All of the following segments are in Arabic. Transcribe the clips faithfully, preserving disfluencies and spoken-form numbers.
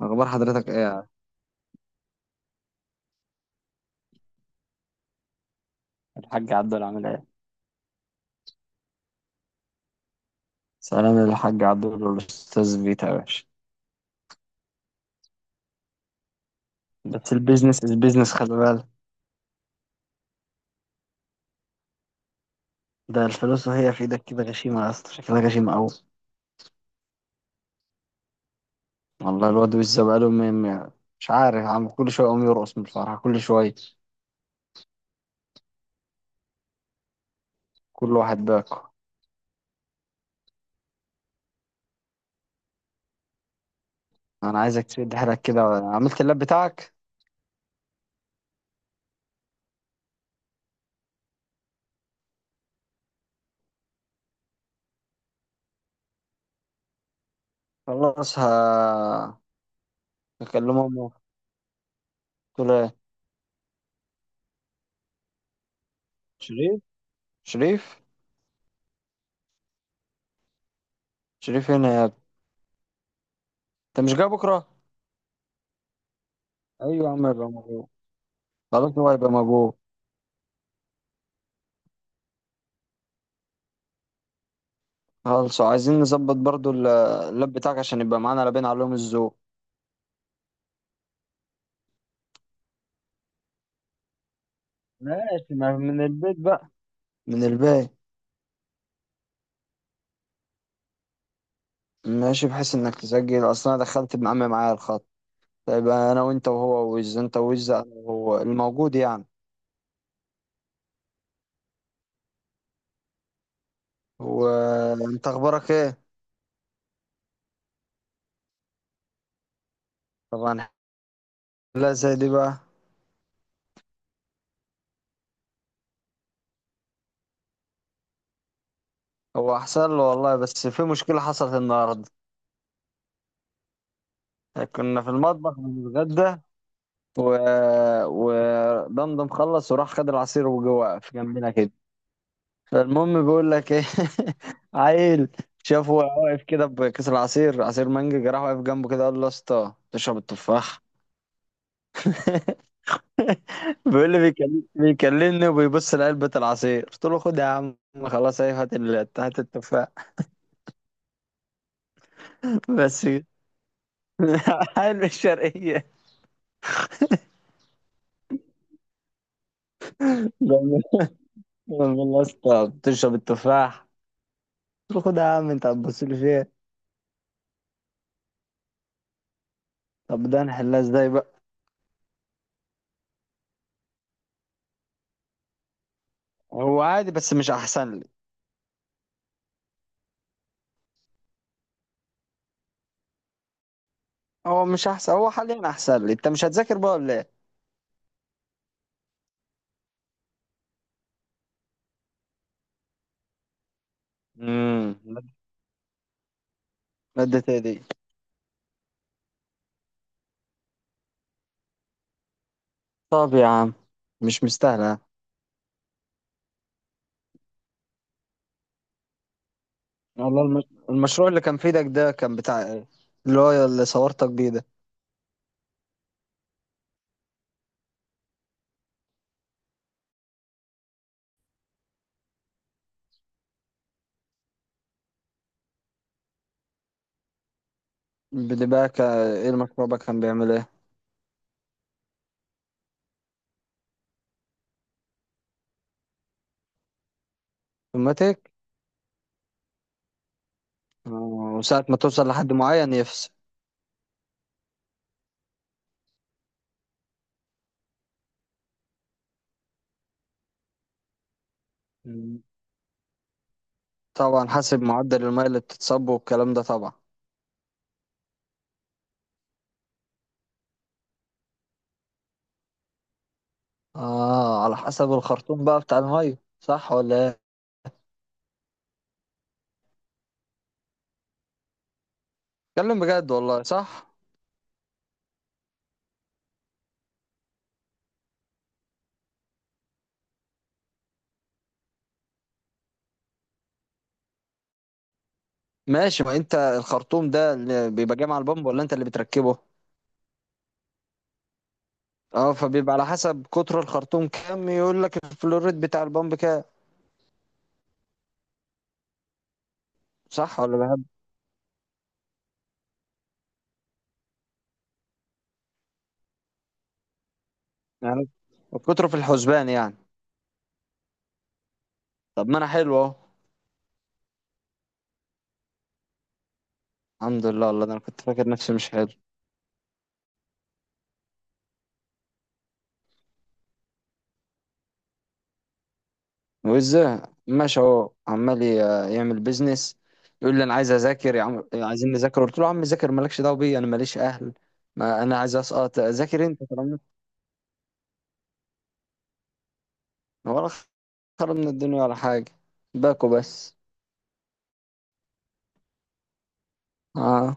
اخبار حضرتك ايه يا عم؟ الحاج عبدول عامل ايه؟ سلام للحاج عبدول والاستاذ فيتا يا باشا. بس البيزنس از بيزنس خلي بالك. ده الفلوس وهي في ايدك كده غشيمة يا اسطى، شكلها غشيمة قوي. والله الواد وزة بقاله م- م- مش عارف، عم كل شوية يقوم يرقص من الفرحة كل شوية. كل واحد باكو. انا عايزك تشد حيلك كده، عملت اللاب بتاعك؟ خلاص ه هكلمه امه. قلت له إيه؟ شريف، شريف، شريف هنا يا ابني. انت مش جاي بكرة؟ ايوه يا عم يبقى موجود، خلاص هو هيبقى موجود. خلاص عايزين نظبط برضو ال- اللاب بتاعك عشان يبقى معانا لابين عليهم الذوق. ماشي ما من البيت بقى، من الباقي. ماشي بحيث انك تسجل، اصلا انا دخلت ابن عمي معايا الخط، يبقى انا وانت وهو، ويز انت ويز انا وهو الموجود يعني. وانت اخبارك ايه؟ طبعا. لا زي دي بقى. هو احسن له والله، بس في مشكلة حصلت النهاردة. كنا في المطبخ بنتغدى، و... ودمدم خلص وراح خد العصير وجه واقف جنبنا كده. فالمهم بيقول لك ايه، عيل، شافه وهو واقف كده بكيس العصير، عصير مانجا، جراح واقف جنبه كده قال له يا اسطى تشرب التفاح. بيقول لي بيكلم- بيكلمني وبيبص لعلبة العصير، قلت له خد يا عم، خلاص ايه، هات ال- هات التفاح. بس كده. عيل من الشرقية. لما لما يا اسطى تشرب التفاح، قلت له خد يا عم انت هتبص لي فيها. طب ده نحلها ازاي بقى؟ هو عادي بس مش احسن لي. هو مش احسن، هو حاليا احسن لي، انت مش هتذاكر بقى ولا ايه؟ امم، مادة دي؟ طب يا عم مش مستاهلة. والله الم- المشروع اللي كان في ايدك ده كان بتاع ايه؟ اللي هو اللي صورتك بيه ده، اللي بقى كا- ايه المشروع بقى، كان بيعمل ايه؟ اوتوماتيك. آه، وساعة ما توصل لحد معين يفصل. مم. طبعا حسب معدل المية اللي بتتصب والكلام ده طبعا. اه، على حسب الخرطوم بقى بتاع المية، صح ولا ايه؟ اتكلم بجد والله صح. ماشي، ما انت الخرطوم ده اللي بيبقى جاي مع البامب ولا انت اللي بتركبه؟ اه، فبيبقى على حسب قطر الخرطوم كام يقول لك الفلوريد بتاع البامب كام. صح ولا بهبد يعني؟ قطره في الحسبان يعني. طب ما انا حلو اهو. الحمد لله والله، ده انا كنت فاكر نفسي مش حلو. وازاي؟ ماشي اهو عمال ي- يعمل بيزنس. يقول لي انا عايز اذاكر يا عم، عايزين نذاكر، قلت له يا عم ذاكر، مالكش دعوه بيا، انا ماليش اهل، ما انا عايز اسقط، ذاكر انت طالما. ولا خرب من الدنيا ولا حاجه، باكو بس. اه،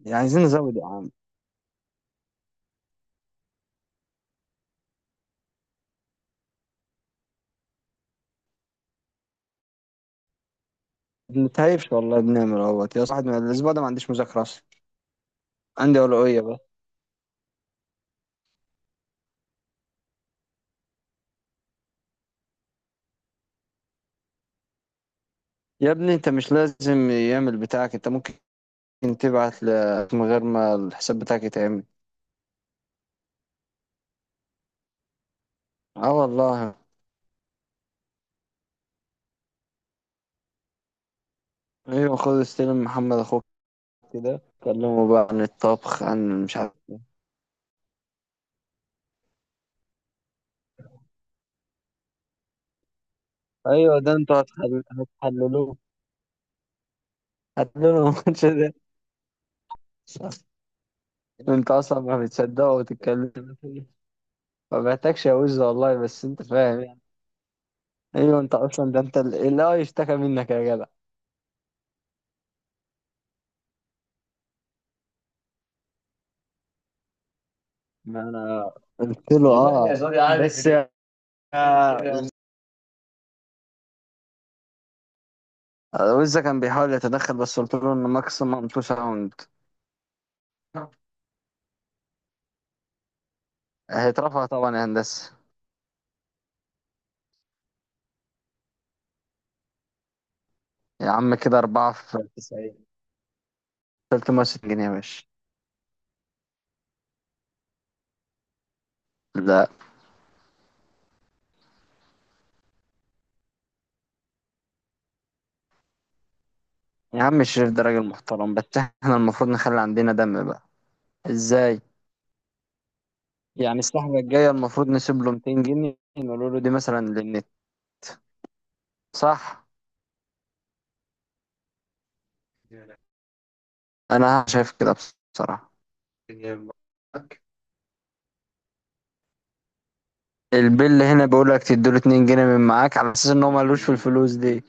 يعني عايزين نزود يا عم. بنتهيفش والله، بنعمل اهوت يا صاحبي، أنا الاسبوع ده ما عنديش مذاكره اصلا، عندي اولويه بقى. يا ابني انت مش لازم يعمل بتاعك، انت ممكن تبعت ل- من غير ما الحساب بتاعك يتعمل. اه والله. ايوه خد استلم محمد اخوك، كده كلمه بقى عن الطبخ، عن مش عارف. ايوه، ده انتوا هتحل... هتحللوه، هتحللوه الماتش ده؟ انت اصلا ما بتصدقه وتتكلم. ما بحتاجش يا وز والله، بس انت فاهم يعني. ايوه انت اصلا ده، انت اللي اللي هو يشتكى منك يا جدع. قلت له والله يا اه زوري عارف بس إن- يا- ويزا كان بيحاول يتدخل بس قلت له ان ماكسيمم تو ساوند. هيترفع طبعا يا هندسه. يا عم كده أربعة في تسعين، تلتمية وستين جنيه يا باشا. لا. يا عم الشريف ده راجل محترم، بس احنا المفروض نخلي عندنا دم بقى. ازاي يعني؟ السحبة الجاية المفروض نسيب له ميتين جنيه، نقول له دي مثلا للنت. صح، انا شايف كده بصراحة. البيل هنا بيقول لك تديله اتنين جنيه من معاك على اساس ان هو ملوش في الفلوس دي،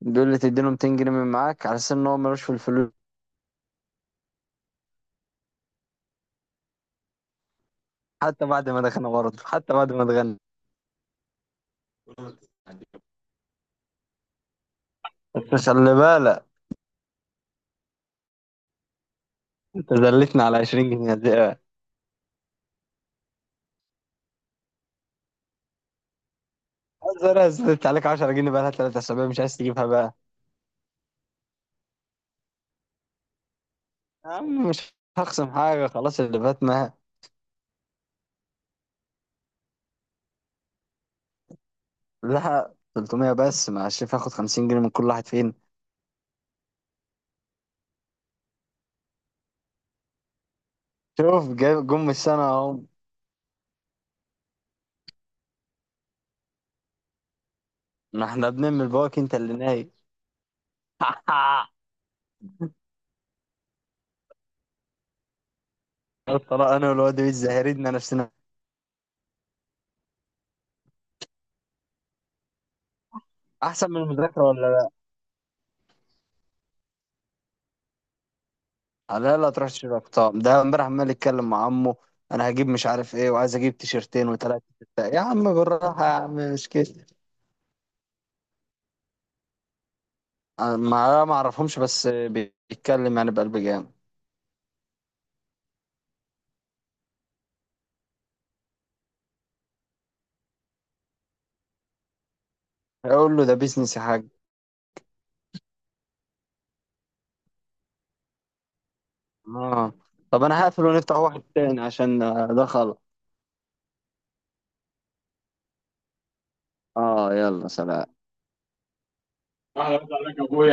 دول اللي تديله ميتين جنيه من معاك على اساس ان هو ملوش في الفلوس. حتى بعد ما دخلنا برضه، حتى بعد ما اتغنى. بس خلي بالك، انت زلتنا على عشرين جنيه دي ايه؟ عايز، انا زلت عليك عشرة جنيه بقى لها تلات اسابيع، مش عايز تجيبها بقى؟ يا عم مش هخصم حاجه خلاص، اللي فات ما، لها تلتمية بس، مع الشيف هاخد خمسين جنيه من كل واحد فين. شوف جاي- جم السنه اهو. ما احنا بنعمل بواك، انت اللي نايم. الطلاق انا والواد الزهريدنا نفسنا. احسن من المذاكره. لا لا، تروح تشتري اقطاب، ده امبارح عمال يتكلم مع عمه، انا هجيب مش عارف ايه، وعايز اجيب تيشرتين وثلاثه. يا عم بالراحه يا عم، مش كده. أنا ما ما اعرفهمش، بس بيتكلم يعني بقلب جامد. اقول له ده بيزنس يا حاج. اه. طب انا هقفل ونفتح واحد تاني عشان ده خلاص. اه يلا سلام. اهلا عليك يا ابويا.